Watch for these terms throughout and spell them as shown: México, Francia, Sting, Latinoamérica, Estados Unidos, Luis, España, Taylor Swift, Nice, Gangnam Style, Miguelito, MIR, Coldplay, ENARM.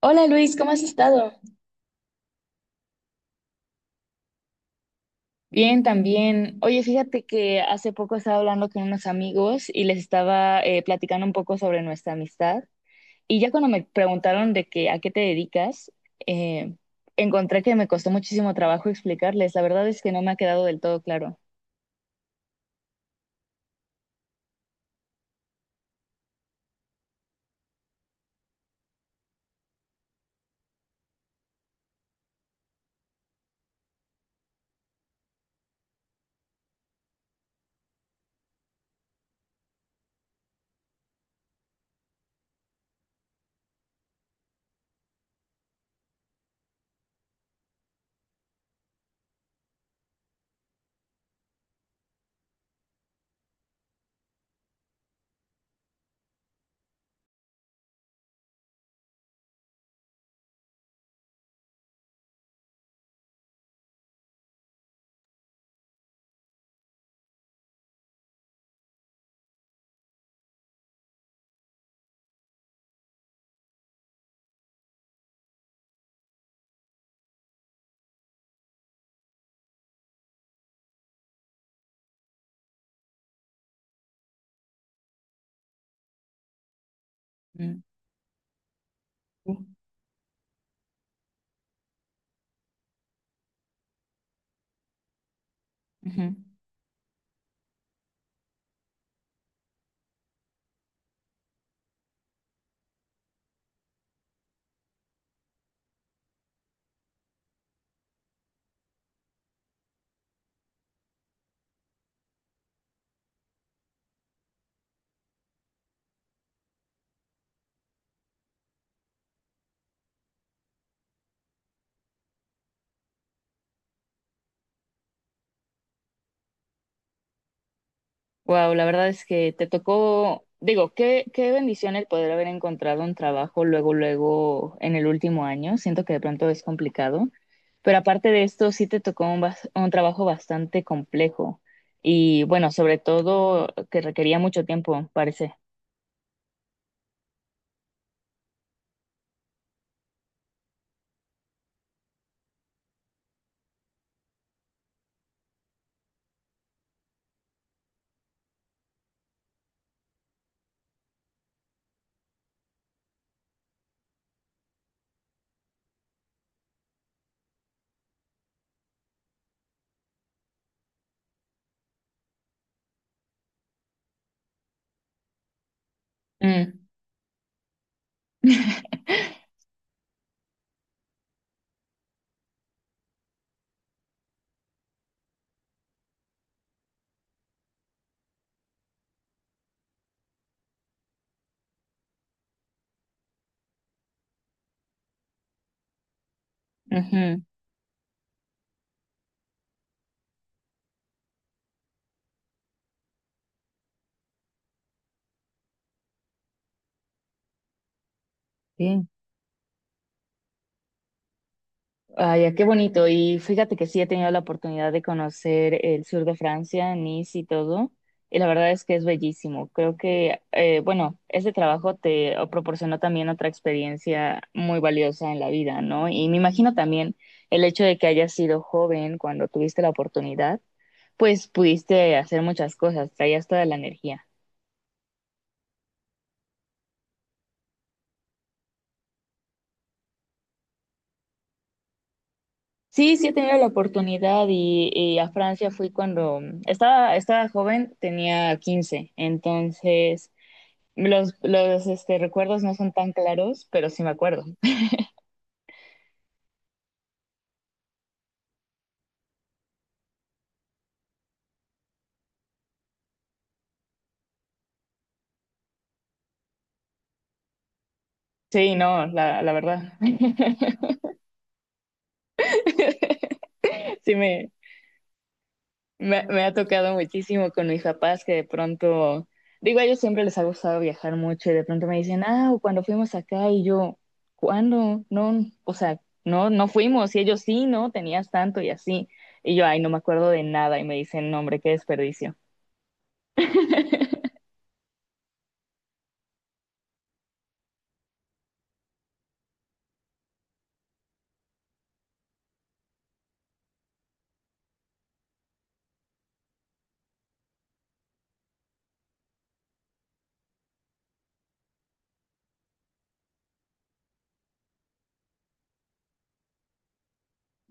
Hola Luis, ¿cómo has estado? Bien, también. Oye, fíjate que hace poco estaba hablando con unos amigos y les estaba platicando un poco sobre nuestra amistad. Y ya cuando me preguntaron de que a qué te dedicas, eh, encontré que me costó muchísimo trabajo explicarles. La verdad es que no me ha quedado del todo claro. Mm. Ujú. Wow, la verdad es que te tocó, digo, qué bendición el poder haber encontrado un trabajo luego, luego en el último año. Siento que de pronto es complicado, pero aparte de esto, sí te tocó un, un trabajo bastante complejo y bueno, sobre todo que requería mucho tiempo, parece. Mm. Ujú. Sí. Ay, ah, qué bonito. Y fíjate que sí he tenido la oportunidad de conocer el sur de Francia, Nice y todo. Y la verdad es que es bellísimo. Creo que, bueno, este trabajo te proporcionó también otra experiencia muy valiosa en la vida, ¿no? Y me imagino también el hecho de que hayas sido joven cuando tuviste la oportunidad, pues pudiste hacer muchas cosas, traías toda la energía. Sí, sí he tenido la oportunidad y a Francia fui cuando estaba joven, tenía 15. Entonces los, recuerdos no son tan claros, pero sí me acuerdo. Sí, no, la verdad. Sí, me ha tocado muchísimo con mis papás que de pronto, digo, a ellos siempre les ha gustado viajar mucho y de pronto me dicen, ah, cuando fuimos acá y yo, ¿cuándo? No, o sea, no, no fuimos y ellos sí, no, tenías tanto y así. Y yo, ay, no me acuerdo de nada y me dicen, no, hombre, qué desperdicio.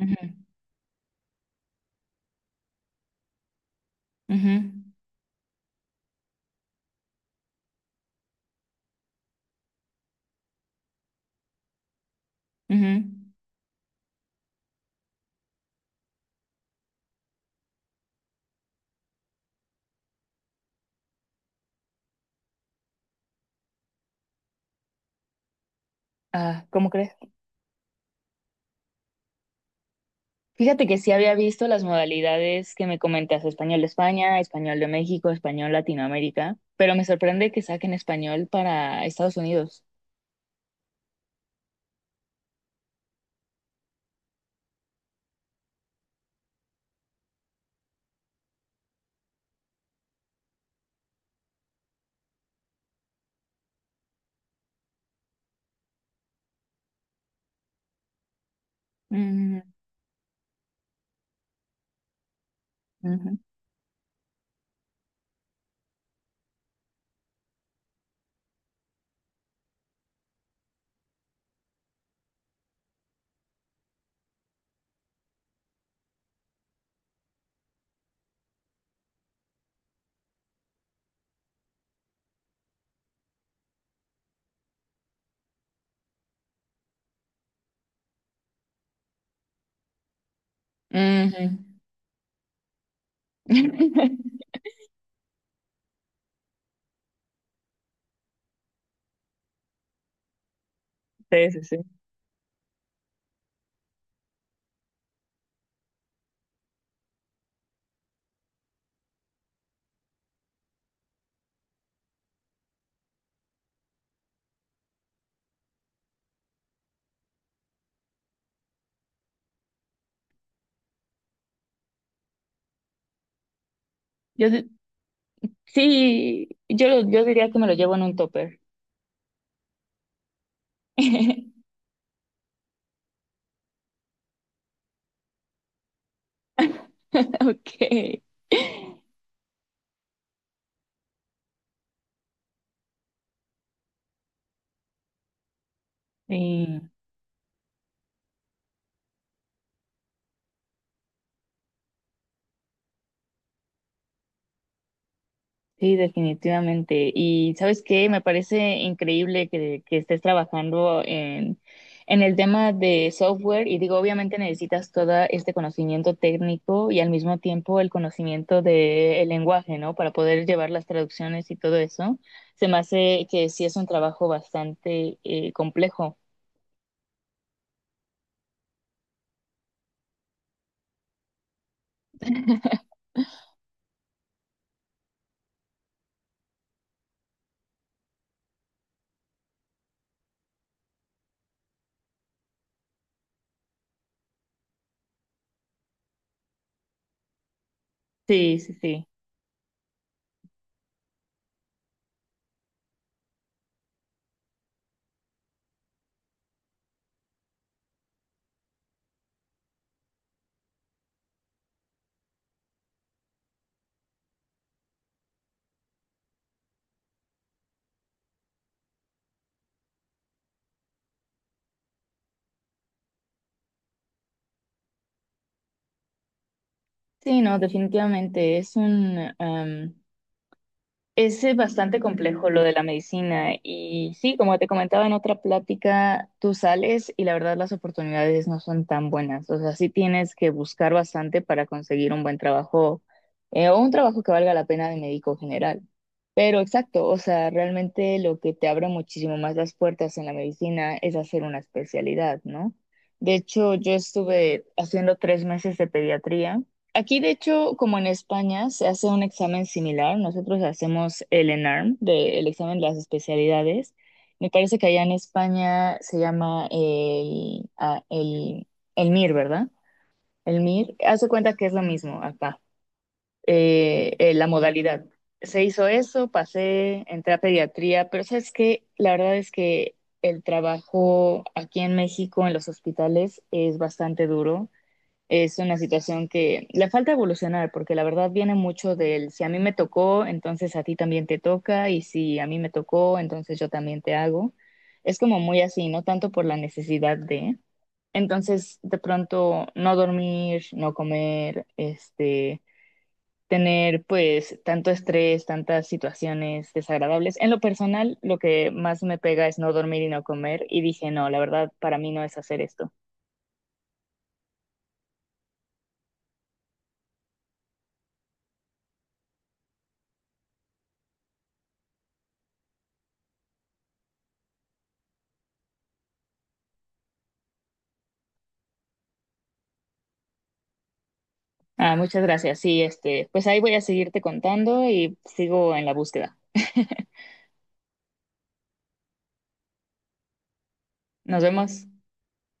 Ujú, ujú, ujú. Ah, ¿cómo crees? Fíjate que sí había visto las modalidades que me comentas, español de España, español de México, español Latinoamérica, pero me sorprende que saquen español para Estados Unidos. Ujú, ujú, ujú. Sí, sí, sí. Yo, di- sí, yo diría que me lo llevo en un topper. Ok. Sí. Sí, definitivamente. Y sabes qué, me parece increíble que estés trabajando en el tema de software y digo, obviamente necesitas todo este conocimiento técnico y al mismo tiempo el conocimiento del lenguaje, ¿no? Para poder llevar las traducciones y todo eso. Se me hace que sí es un trabajo bastante complejo. Sí, sí, sí. Sí, no, definitivamente es es bastante complejo lo de la medicina y sí, como te comentaba en otra plática, tú sales y la verdad las oportunidades no son tan buenas. O sea, sí tienes que buscar bastante para conseguir un buen trabajo o un trabajo que valga la pena de médico general. Pero exacto, o sea, realmente lo que te abre muchísimo más las puertas en la medicina es hacer una especialidad, ¿no? De hecho, yo estuve haciendo 3 meses de pediatría. Aquí, de hecho, como en España, se hace un examen similar. Nosotros hacemos el ENARM, el examen de las especialidades. Me parece que allá en España se llama el MIR, ¿verdad? El MIR. Hace cuenta que es lo mismo acá, la modalidad. Se hizo eso, pasé, entré a pediatría, pero sabes que la verdad es que el trabajo aquí en México, en los hospitales, es bastante duro. Es una situación que le falta evolucionar, porque la verdad viene mucho del si a mí me tocó, entonces a ti también te toca, y si a mí me tocó, entonces yo también te hago. Es como muy así, no tanto por la necesidad de. Entonces, de pronto, no dormir, no comer, este, tener pues tanto estrés, tantas situaciones desagradables. En lo personal, lo que más me pega es no dormir y no comer, y dije, no, la verdad, para mí no es hacer esto. Ah, muchas gracias. Sí, este, pues ahí voy a seguirte contando y sigo en la búsqueda. Nos vemos.